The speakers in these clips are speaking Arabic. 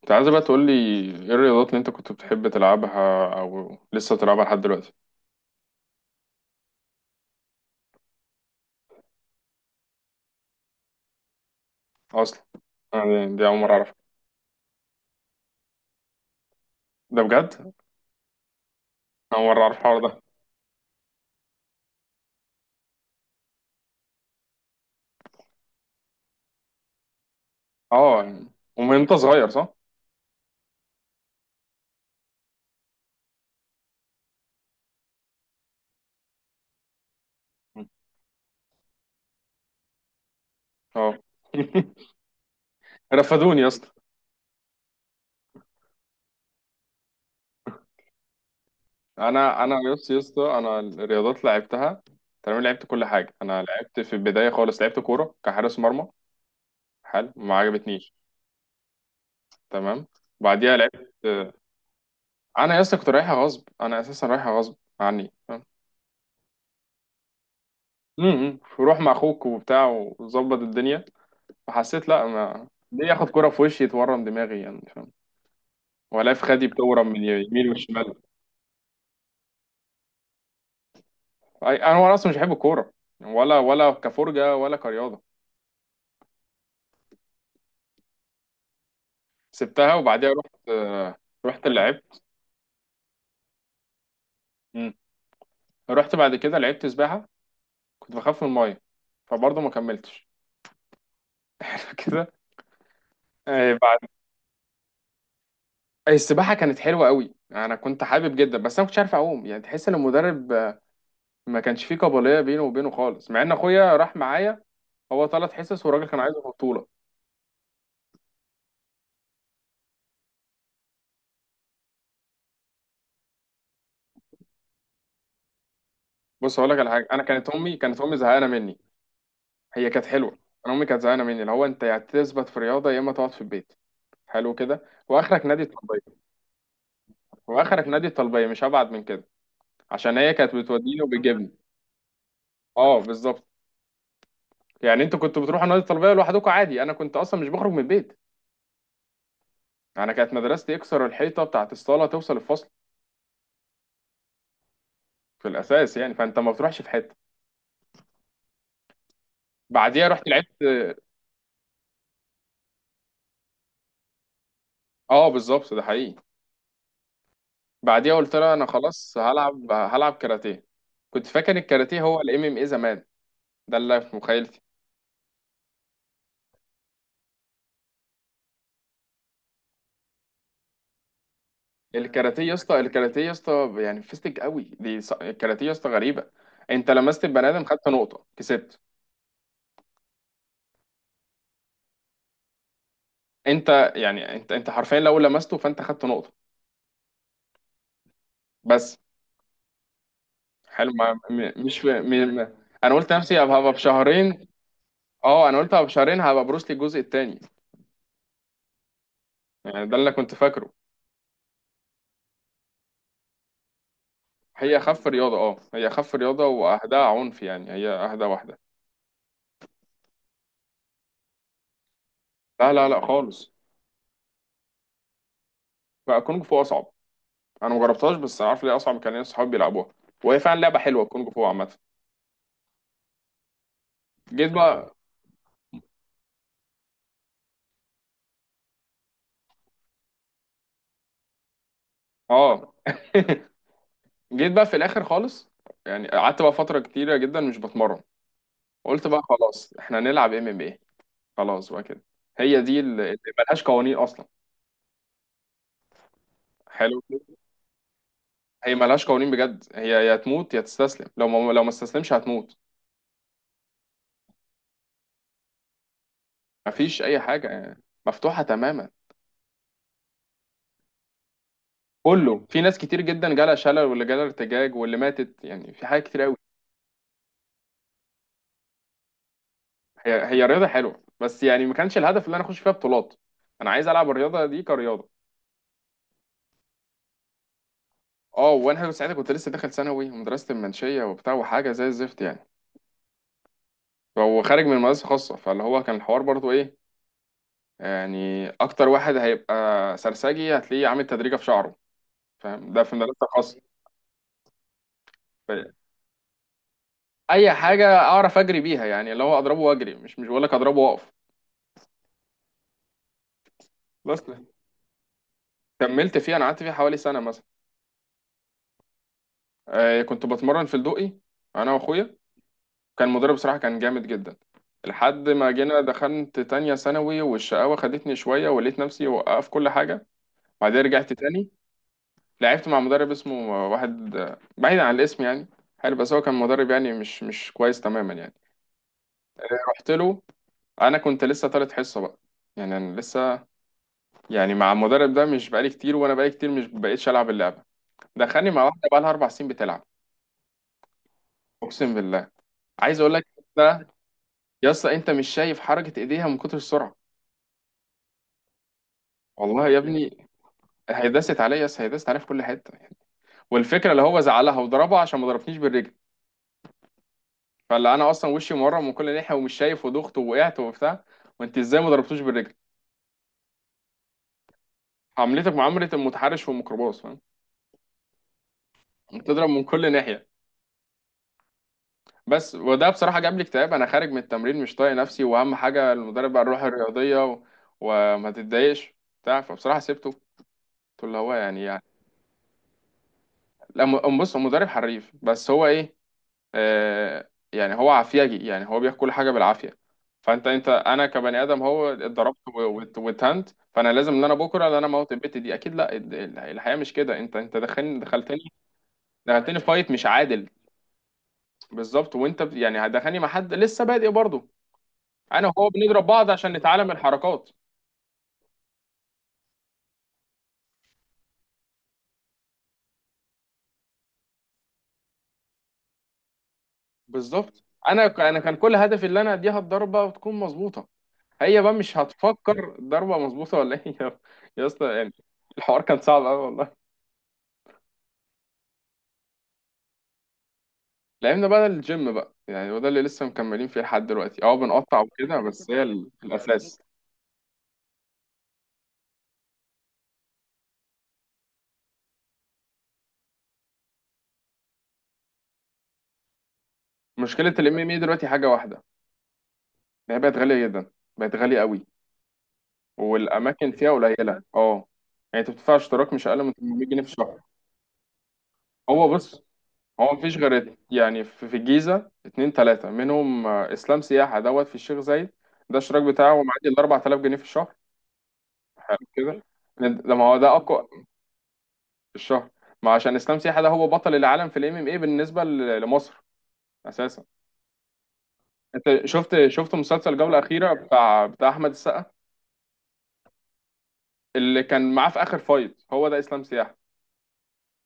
كنت عايز بقى تقول لي ايه الرياضات اللي انت كنت بتحب تلعبها او لسه بتلعبها لحد دلوقتي اصلا؟ يعني دي اول مره اعرف. ده بجد؟ اول مره اعرف الحوار ده. اه يعني، ومن انت صغير صح. اه رفدوني يا اسطى. انا يس يا اسطى، انا الرياضات لعبتها تمام، لعبت كل حاجه. انا لعبت في البدايه خالص لعبت كوره كحارس مرمى. حلو، ما عجبتنيش. تمام. بعديها لعبت. انا يا اسطى كنت رايحها غصب، انا اساسا رايحها غصب عني. وروح مع اخوك وبتاع وظبط الدنيا. فحسيت لا، ما ليه ياخد كرة في وشي يتورم دماغي، يعني فاهم؟ ولا في خدي بتورم من يمين وشمال. انا وانا اصلا مش بحب الكورة يعني، ولا ولا كفرجة ولا كرياضة. سبتها وبعديها رحت، رحت لعبت. مم. رحت بعد كده لعبت سباحة. كنت بخاف من الماية، فبرضه ما كملتش. كده. بعد، السباحة كانت حلوة قوي، انا كنت حابب جدا بس انا ما كنتش عارف اعوم. يعني تحس ان المدرب ما كانش فيه قابلية بينه وبينه خالص، مع ان اخويا راح معايا. هو ثلاث حصص والراجل كان عايزه في بطوله. بص هقول لك على حاجه، انا كانت امي زهقانه مني. هي كانت حلوه. انا امي كانت زهقانه مني، اللي هو انت يا تثبت في رياضه يا اما تقعد في البيت. حلو كده. واخرك نادي الطلبيه. واخرك نادي الطلبيه، مش هبعد من كده، عشان هي كانت بتوديني وبتجيبني. اه بالظبط. يعني انتوا كنتوا بتروحوا نادي الطلبيه لوحدكم عادي، انا كنت اصلا مش بخرج من البيت. انا كانت مدرستي اكسر الحيطه بتاعت الصاله توصل الفصل في الاساس، يعني فانت ما بتروحش في حته. بعديها رحت لعبت. اه بالظبط، ده حقيقي. بعديها قلت لها انا خلاص هلعب كاراتيه. كنت فاكر الكاراتيه هو الام ام اي زمان، ده اللي في مخيلتي. الكاراتيه يا اسطى، الكاراتيه يا اسطى يعني فيستك قوي دي. الكاراتيه يا اسطى غريبه. انت لمست البني ادم خدت نقطه كسبت. انت يعني انت حرفيا لو لمسته فانت خدت نقطه. بس. حلو، ما م- مش في م... م- انا قلت نفسي هبقى بشهرين. اه انا قلت هبقى بشهرين هبقى بروسلي الجزء الثاني، يعني ده اللي كنت فاكره. هي اخف رياضه، اه هي اخف رياضه واهداها عنف، يعني هي اهدى واحده. لا لا لا خالص. بقى كونج فو اصعب. انا مجربتهاش بس انا عارف ليه اصعب، كان ناس صحابي بيلعبوها، وهي فعلا لعبه حلوه الكونج فو عامه. جيت بقى. اه جيت بقى في الاخر خالص. يعني قعدت بقى فتره كتيره جدا مش بتمرن. قلت بقى خلاص احنا نلعب ام ام ايه. خلاص بقى كده. هي دي اللي ملهاش قوانين اصلا. حلو كده. هي ملهاش قوانين بجد، هي يا تموت يا تستسلم، لو ما استسلمش هتموت. مفيش اي حاجه يعني، مفتوحه تماما. كله. في ناس كتير جدا جالها شلل، واللي جالها ارتجاج، واللي ماتت، يعني في حاجات كتير قوي. هي رياضة حلوة، بس يعني ما كانش الهدف اللي انا اخش فيها بطولات، انا عايز العب الرياضة دي كرياضة. اه وانا ساعتها كنت لسه داخل ثانوي، ومدرسة المنشية وبتاع وحاجة زي الزفت يعني. هو خارج من مدرسة خاصة، فاللي هو كان الحوار برضو ايه، يعني اكتر واحد هيبقى سرسجي هتلاقيه عامل تدريجة في شعره، فاهم؟ ده في مدرسة خاصة. ف- اي حاجة اعرف اجري بيها، يعني اللي هو اضربه واجري، مش بقول لك اضربه واقف. بس. كملت فيها، انا قعدت فيها حوالي سنة مثلا. كنت بتمرن في الدقي انا واخويا. كان مدرب صراحة كان جامد جدا، لحد ما جينا دخلت تانية ثانوي والشقاوة خدتني شوية ولقيت نفسي وقف كل حاجة. بعدين رجعت تاني، لعبت مع مدرب اسمه واحد، بعيد عن الاسم يعني. حلو بس هو كان مدرب يعني مش كويس تماما يعني. رحت له، انا كنت لسه تالت حصة بقى، يعني انا لسه يعني مع المدرب ده مش بقالي كتير، وانا بقالي كتير مش بقيتش العب اللعبة. دخلني مع واحدة بقى لها اربع سنين بتلعب. اقسم بالله. عايز اقول لك ده، يا اسطى انت مش شايف حركة ايديها من كتر السرعة. والله يا ابني. هيدست عليا يس، هيدست عليا في كل حته يعني. والفكره اللي هو زعلها وضربها عشان ما ضربتنيش بالرجل. فاللي انا اصلا وشي مورم من كل ناحيه ومش شايف وضغط ووقعت وبتاع، وانت ازاي ما ضربتوش بالرجل! عملتك معامله المتحرش في الميكروباص فاهم، بتضرب من كل ناحيه. بس. وده بصراحه جاب لي اكتئاب، انا خارج من التمرين مش طايق نفسي، واهم حاجه المدرب قال روح الرياضيه وما تتضايقش بتاع فبصراحه سبته، قلت له هو يعني يعني. لا بص، هو مدرب حريف بس هو ايه، يعني هو عافيجي، يعني هو بياكل كل حاجه بالعافيه. فانت انا كبني ادم، هو اتضربت واتهنت، فانا لازم ان انا بكره ان انا موت البت دي اكيد. لا الحياه مش كده، انت دخلني دخلتني، دخلتني فايت مش عادل. بالظبط. وانت يعني هتدخلني مع حد لسه بادئ برضه، انا وهو بنضرب بعض عشان نتعلم الحركات. بالظبط. انا كان كل هدفي ان انا اديها الضربه وتكون مظبوطه، هي بقى مش هتفكر ضربه مظبوطه ولا ايه. يا اسطى يعني. الحوار كان صعب قوي والله. لعبنا بقى الجيم بقى، يعني وده اللي لسه مكملين فيه لحد دلوقتي، اه بنقطع وكده بس هي الاساس. مشكله الام ام اي دلوقتي حاجه واحده، إن هي بقت غاليه جدا، بقت غاليه قوي، والاماكن فيها قليله اه. يعني انت بتدفع اشتراك مش اقل من 800 جنيه في الشهر. هو بص، هو مفيش غير يعني في في الجيزه اتنين تلاته منهم، اسلام سياحه دوت في الشيخ زايد ده الاشتراك بتاعه معدي ال 4000 جنيه في الشهر. حلو كده. ده ما هو ده اقوى. في الشهر. ما عشان اسلام سياحه ده هو بطل العالم في الام ام اي بالنسبه لمصر اساسا. انت شفت مسلسل جولة أخيرة بتاع احمد السقا، اللي كان معاه في اخر فايت هو ده اسلام سياح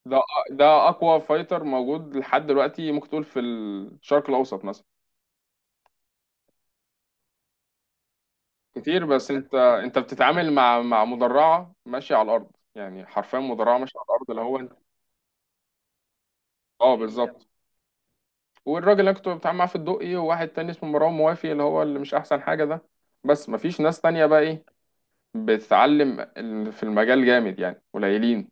ده. ده اقوى فايتر موجود لحد دلوقتي، ممكن تقول في الشرق الاوسط مثلا. كتير بس انت بتتعامل مع مدرعة ماشية على الارض، يعني حرفيا مدرعة ماشية على الارض اللي هو انت. اه بالظبط. والراجل اللي كنت بتعامل معاه في الدقي، وواحد تاني اسمه مروان موافي اللي هو اللي مش احسن حاجة ده، بس مفيش ناس تانية بقى ايه بتتعلم في المجال جامد يعني، قليلين.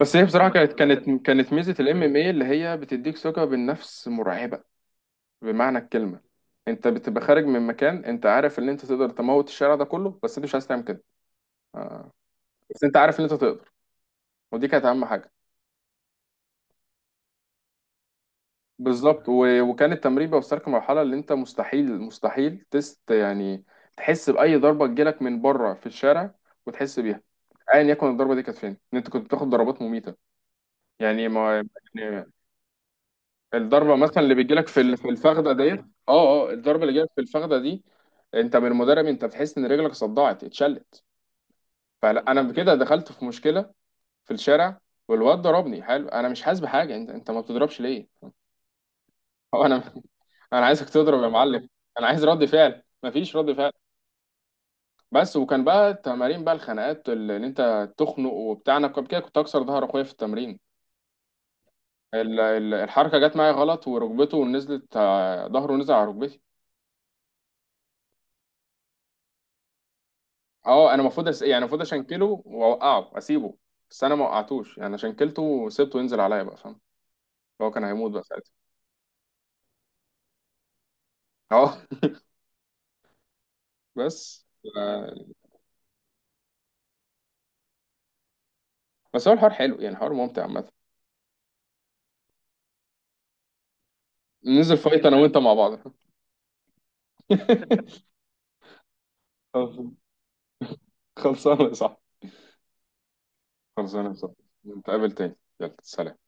بس هي بصراحه كانت ميزه الام ام اي اللي هي بتديك ثقه بالنفس مرعبه، بمعنى الكلمه. انت بتبقى خارج من مكان انت عارف ان انت تقدر تموت الشارع ده كله، بس انت مش عايز تعمل كده، بس انت عارف ان انت تقدر. ودي كانت اهم حاجه. بالظبط. وكان التمرين بيوصلك لمرحله اللي انت مستحيل تست يعني، تحس باي ضربه تجيلك من بره في الشارع وتحس بيها، ايا يكن الضربه دي كانت فين. ان انت كنت بتاخد ضربات مميته، يعني ما يعني الضربه مثلا اللي بتجيلك في في الفخده ديت، اه اه الضربه اللي جايلك في الفخده دي، انت من المدرب انت بتحس ان رجلك صدعت اتشلت. فلا انا كده دخلت في مشكله في الشارع، والواد ضربني حلو انا مش حاسس بحاجه، انت ما بتضربش ليه، هو انا انا عايزك تضرب يا معلم، انا عايز رد فعل مفيش رد فعل. بس. وكان بقى تمارين بقى، الخناقات اللي انت تخنق وبتاع، انا قبل كده كنت اكسر ظهر اخويا في التمرين. الحركه جت معايا غلط وركبته نزلت، ظهره نزل على ركبتي. اه انا المفروض يعني المفروض اشنكله واوقعه اسيبه، بس انا ما وقعتوش، يعني شنكلته وسبته ينزل عليا بقى فاهم. هو كان هيموت بقى ساعتها. اه بس. آه، بس هو الحوار حلو يعني، حوار ممتع عامة. ننزل فايت انا وانت مع بعض. خلصانه صح؟ خلصانه صح. نتقابل تاني، يلا سلام.